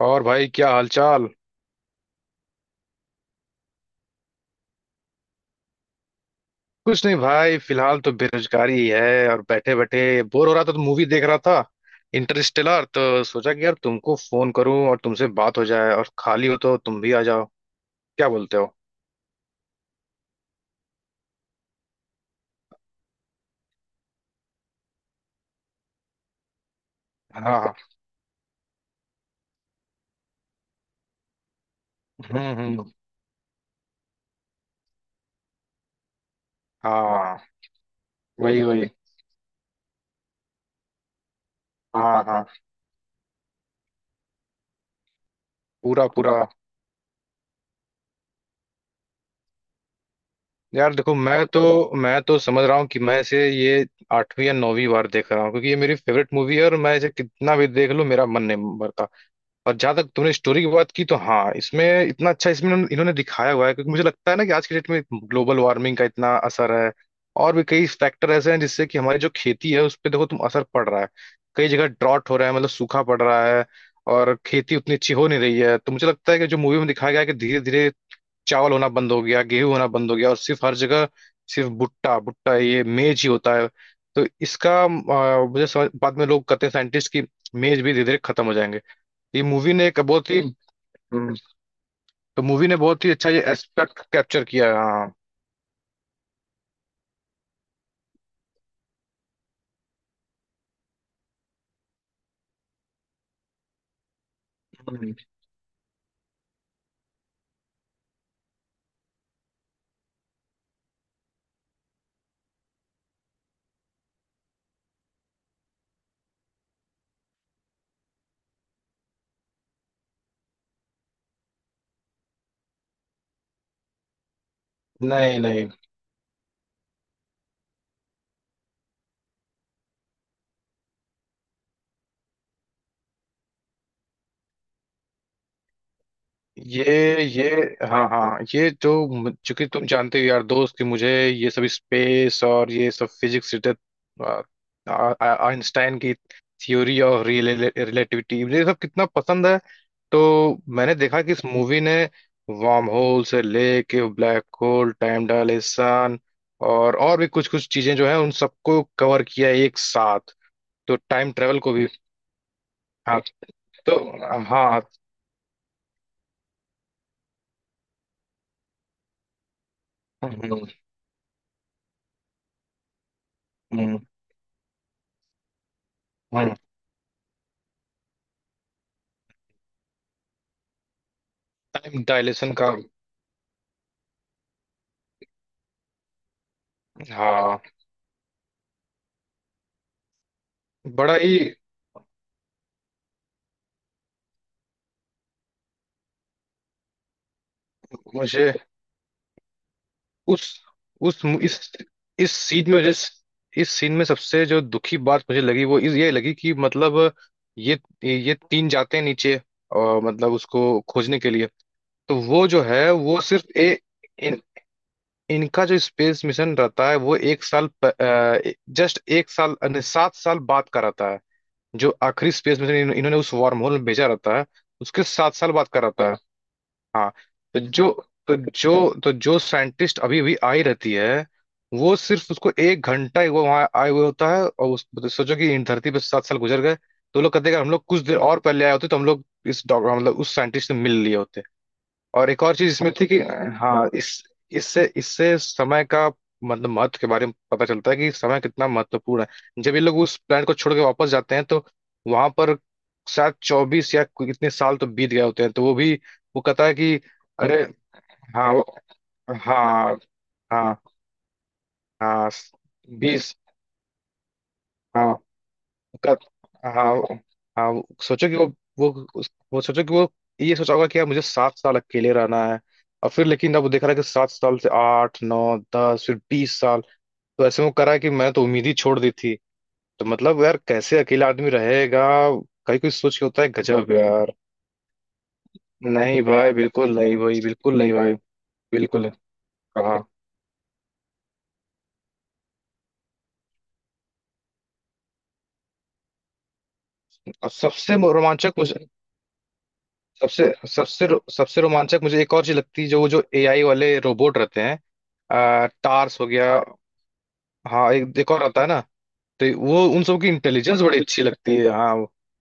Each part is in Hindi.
और भाई, क्या हालचाल? कुछ नहीं भाई। फिलहाल तो बेरोजगारी ही है और बैठे बैठे बोर हो रहा था तो मूवी देख रहा था, इंटरस्टेलर। तो सोचा कि यार तुमको फोन करूं और तुमसे बात हो जाए, और खाली हो तो तुम भी आ जाओ। क्या बोलते हो? हाँ, हाँ। हम्म, हम्म। हाँ। वही, वही। हाँ, हाँ। पूरा पूरा। यार देखो, मैं तो समझ रहा हूँ कि मैं इसे ये आठवीं या नौवीं बार देख रहा हूँ क्योंकि ये मेरी फेवरेट मूवी है और मैं इसे कितना भी देख लूं मेरा मन नहीं भरता। और जहां तक तुमने स्टोरी की बात की, तो हाँ, इसमें इतना अच्छा, इसमें इन्होंने इन्होंने दिखाया हुआ है, क्योंकि मुझे लगता है ना कि आज के डेट में ग्लोबल वार्मिंग का इतना असर है। और भी कई फैक्टर ऐसे हैं जिससे कि हमारी जो खेती है उस पर, देखो तुम, असर पड़ रहा है। कई जगह ड्रॉट हो रहा है, मतलब सूखा पड़ रहा है और खेती उतनी अच्छी हो नहीं रही है। तो मुझे लगता है कि जो मूवी में दिखाया गया है कि धीरे धीरे चावल होना बंद हो गया, गेहूं होना बंद हो गया और सिर्फ हर जगह सिर्फ भुट्टा भुट्टा, ये मेज ही होता है। तो इसका मुझे समझ बाद में लोग कहते हैं साइंटिस्ट की मेज भी धीरे धीरे खत्म हो जाएंगे। ये मूवी ने एक बहुत ही तो मूवी ने बहुत ही अच्छा ये एस्पेक्ट कैप्चर किया है, हाँ। नहीं, नहीं। ये। हाँ, हाँ। चूंकि तुम जानते हो यार दोस्त कि मुझे ये सब स्पेस और ये सब फिजिक्स रिलेटेड, आइंस्टाइन की थ्योरी और रिलेटिविटी, मुझे ये सब कितना पसंद है। तो मैंने देखा कि इस मूवी ने वार्म होल से लेके ब्लैक होल, टाइम डायलेशन और भी कुछ कुछ चीजें जो है उन सबको कवर किया है एक साथ। तो टाइम ट्रेवल को भी। हाँ। तो हाँ। हम्म, हम्म, हम्म। टाइम डायलेशन का। हाँ। बड़ा ही। मुझे उस उस इस सीन में जिस इस सीन में सबसे जो दुखी बात मुझे लगी, वो इस ये लगी कि मतलब ये ये तीन जाते हैं नीचे, और मतलब उसको खोजने के लिए। तो वो जो है, वो सिर्फ इन, इनका जो स्पेस मिशन रहता है वो एक साल, जस्ट एक साल नहीं, 7 साल बाद का रहता है। जो आखिरी स्पेस में से इन्होंने उस वार्म होल में भेजा रहता है, उसके 7 साल बाद का रहता है। हाँ। तो जो तो तो जो साइंटिस्ट अभी भी आई रहती है, वो सिर्फ उसको एक घंटा ही वो वहां आए हुए होता है। और उस, तो सोचो कि इन धरती पे 7 साल गुजर गए, तो वो लोग कहते हैं, अगर हम लोग कुछ देर और पहले आए होते तो हम लोग इस डॉक्टर, मतलब उस साइंटिस्ट से मिल लिए होते। और एक और चीज इसमें थी कि, हाँ, इस, इससे इससे समय का मतलब महत्व के बारे में पता चलता है कि समय कितना महत्वपूर्ण है। जब ये लोग उस प्लांट को छोड़ के वापस जाते हैं तो वहां पर शायद 24 या कोई इतने साल तो बीत गए होते हैं, तो वो भी वो कहता है कि अरे। हाँ, हाँ, हाँ, हाँ। बीस। हाँ। का- हाँ, हाँ। सोचो कि वो ये सोचा होगा कि यार मुझे 7 साल अकेले रहना है। और फिर लेकिन अब वो देख रहा है कि 7 साल से 8, 9, 10 फिर 20 साल। तो ऐसे में करा है कि मैंने तो उम्मीद ही छोड़ दी थी। तो मतलब यार कैसे अकेला आदमी रहेगा? कहीं कोई सोच के होता है, गजब यार। नहीं भाई, बिल्कुल नहीं भाई, बिल्कुल नहीं भाई, बिल्कुल नहीं। हाँ। और सबसे रोमांचक मुझे, सबसे सबसे रो- सबसे रोमांचक मुझे एक और चीज लगती है, जो वो जो एआई वाले रोबोट रहते हैं। टार्स हो गया। हाँ, एक एक और आता है ना। तो वो उन सब की इंटेलिजेंस बड़ी अच्छी लगती है, हाँ।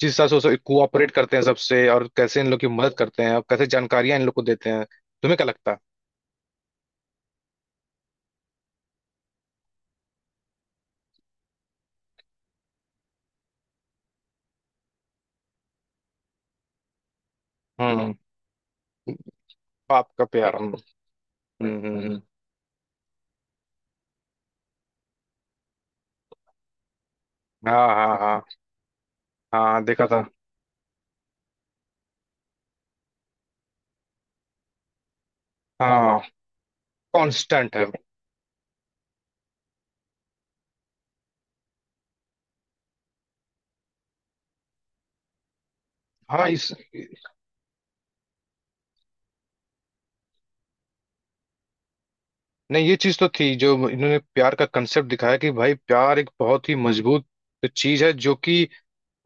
जिस हिसाब से वो सब कोऑपरेट करते हैं सबसे, और कैसे इन लोग की मदद करते हैं और कैसे जानकारियां इन लोग को देते हैं। तुम्हें क्या लगता है? हम्म। बाप का प्यार। हम हम्म, हाँ, हाँ, हाँ। हाँ, देखा था। हाँ। कांस्टेंट है। हाँ, इस नहीं, ये चीज तो थी जो इन्होंने प्यार का कंसेप्ट दिखाया, कि भाई प्यार एक बहुत ही मजबूत चीज है जो कि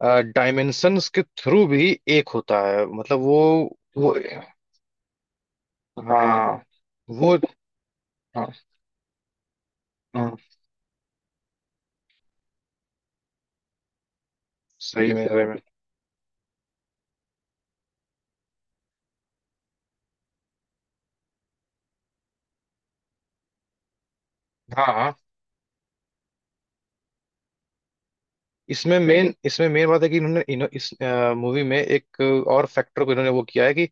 डायमेंशंस के थ्रू भी एक होता है, मतलब वो। वो। हाँ। वो। हाँ, हाँ, सही में, सही में। हाँ, हाँ। इसमें मेन, इसमें मेन बात है कि इन्होंने इस मूवी में एक और फैक्टर को इन्होंने वो किया है कि,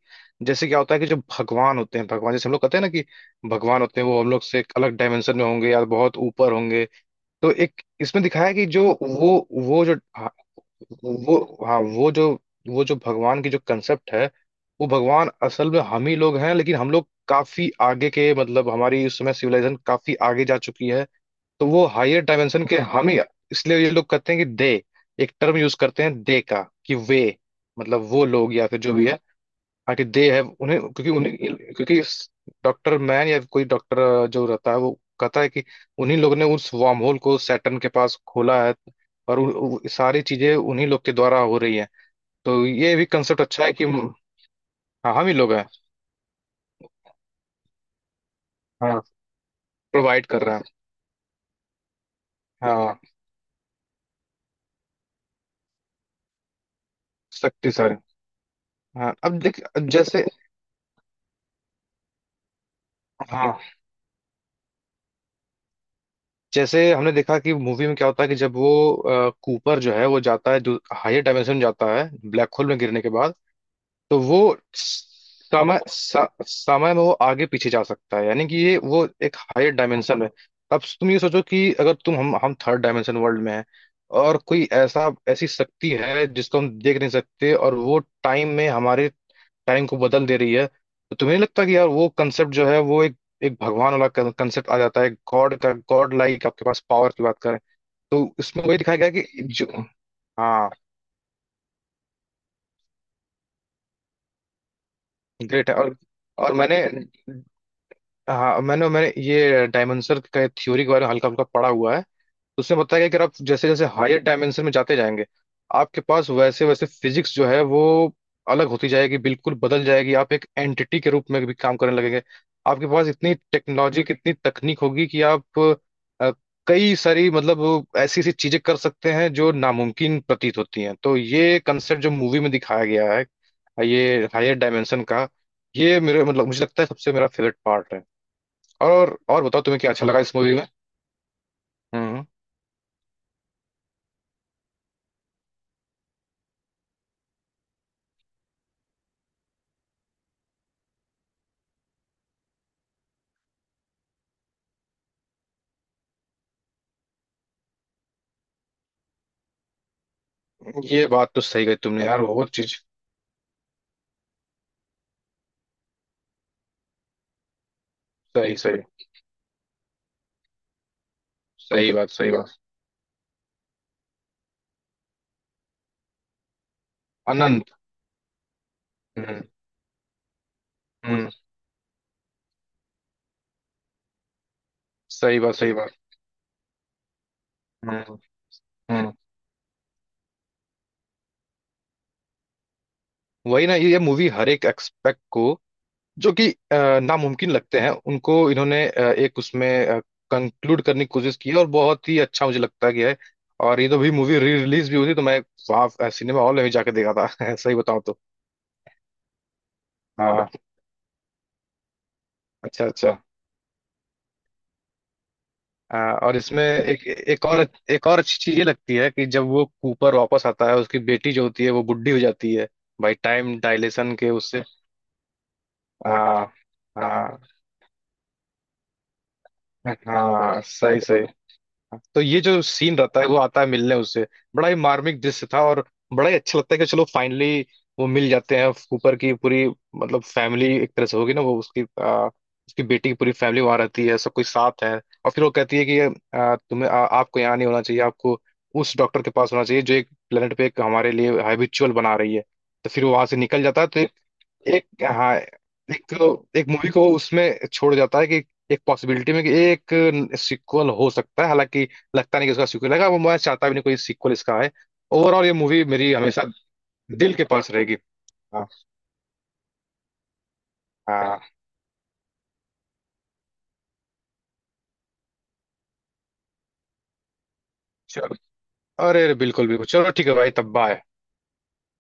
जैसे क्या होता है कि जो भगवान होते हैं, भगवान, जैसे हम लोग कहते हैं ना कि भगवान होते हैं वो हम लोग से एक अलग डायमेंशन में होंगे या बहुत ऊपर होंगे। तो एक इसमें दिखाया है कि जो वो जो हाँ, वो हाँ वो जो वो जो भगवान की जो कंसेप्ट है, वो भगवान असल में हम ही लोग हैं। लेकिन हम लोग काफी आगे के, मतलब हमारी उस समय सिविलाइजेशन काफी आगे जा चुकी है, तो वो हायर डायमेंशन के हम ही। इसलिए ये लोग कहते हैं कि दे, एक टर्म यूज करते हैं दे का, कि वे, मतलब वो लोग या फिर जो भी है, हाँ, कि दे है उन्हें, क्योंकि डॉक्टर मैन या कोई डॉक्टर जो रहता है वो कहता है कि उन्हीं लोग ने उस वार्म होल को सैटर्न के पास खोला है। और उ, उ, सारी चीजें उन्हीं लोग के द्वारा हो रही है। तो ये भी कंसेप्ट अच्छा है कि हाँ, हम ही लोग हैं। हाँ, प्रोवाइड कर रहे हैं। हाँ। शक्ति सर। हाँ, अब देख, अब जैसे, हाँ। जैसे हमने देखा कि मूवी में क्या होता है कि जब वो कूपर जो है वो जाता है, जो हायर डायमेंशन में जाता है ब्लैक होल में गिरने के बाद, तो वो समय स, समय में वो आगे पीछे जा सकता है, यानी कि ये वो एक हायर डायमेंशन है। अब तुम ये सोचो कि अगर तुम हम थर्ड डायमेंशन वर्ल्ड में हैं, और कोई ऐसा, ऐसी शक्ति है जिसको हम देख नहीं सकते और वो टाइम में हमारे टाइम को बदल दे रही है, तो तुम्हें नहीं लगता कि यार वो कंसेप्ट जो है वो एक, एक भगवान वाला कंसेप्ट आ जाता है? गॉड का, गॉड लाइक आपके पास पावर की बात करें। तो इसमें वही दिखाया गया है कि जो, हाँ, ग्रेट है। और मैंने, हाँ, मैंने मैंने ये डायमेंशन का थ्योरी के बारे में हल्का हल्का पढ़ा हुआ है। उसमें बताया गया कि अगर आप जैसे जैसे हायर डायमेंशन में जाते जाएंगे, आपके पास वैसे वैसे फिजिक्स जो है वो अलग होती जाएगी, बिल्कुल बदल जाएगी। आप एक एंटिटी के रूप में भी काम करने लगेंगे। आपके पास इतनी टेक्नोलॉजी, कितनी तकनीक होगी कि आप अ, कई सारी, मतलब ऐसी ऐसी चीजें कर सकते हैं जो नामुमकिन प्रतीत होती हैं। तो ये कंसेप्ट जो मूवी में दिखाया गया है, ये हायर डायमेंशन का, ये मेरे, मतलब मुझे लगता है सबसे मेरा फेवरेट पार्ट है। और बताओ, तुम्हें क्या अच्छा लगा इस मूवी में? हम्म। ये बात तो सही गई तुमने, यार बहुत चीज। सही, सही। सही बात, सही बात। अनंत। हम्म, हम्म। सही बात, सही बात। हम्म, हम्म। वही ना, ये मूवी हर एक एक्सपेक्ट को, जो कि नामुमकिन लगते हैं, उनको इन्होंने एक उसमें कंक्लूड करने की कोशिश की है, और बहुत ही अच्छा मुझे लगता गया है। और ये तो भी मूवी री रिलीज भी हुई थी, तो मैं वहाँ सिनेमा हॉल में भी जाके देखा था, सही बताऊं तो। हाँ, अच्छा, अच्छा। आ, और इसमें एक एक और अच्छी चीज ये लगती है कि जब वो कूपर वापस आता है, उसकी बेटी जो होती है वो बुढ़ी हो जाती है, भाई टाइम डायलेशन के उससे। हाँ, हाँ, हाँ, सही सही। तो ये जो सीन रहता है, वो आता है मिलने उससे, बड़ा ही मार्मिक दृश्य था। और बड़ा ही अच्छा लगता है कि चलो फाइनली वो मिल जाते हैं, कूपर की पूरी मतलब फैमिली एक तरह से होगी ना वो, उसकी उसकी बेटी की पूरी फैमिली वहां रहती है, सब कोई साथ है। और फिर वो कहती है कि आपको यहाँ नहीं होना चाहिए, आपको उस डॉक्टर के पास होना चाहिए जो एक प्लेनेट पे एक हमारे लिए हैबिचुअल बना रही है। तो फिर वो वहां से निकल जाता है। तो एक, हाँ, एक, एक मूवी को उसमें छोड़ जाता है कि एक पॉसिबिलिटी में कि एक सीक्वल हो सकता है। हालांकि लगता नहीं कि उसका सीक्वल है, वो मैं चाहता भी नहीं कोई सीक्वल इसका है। ओवरऑल ये मूवी मेरी हमेशा दिल के पास रहेगी। हाँ, हाँ। चलो। अरे, अरे, बिल्कुल, बिल्कुल। चलो ठीक है भाई, तब बाय।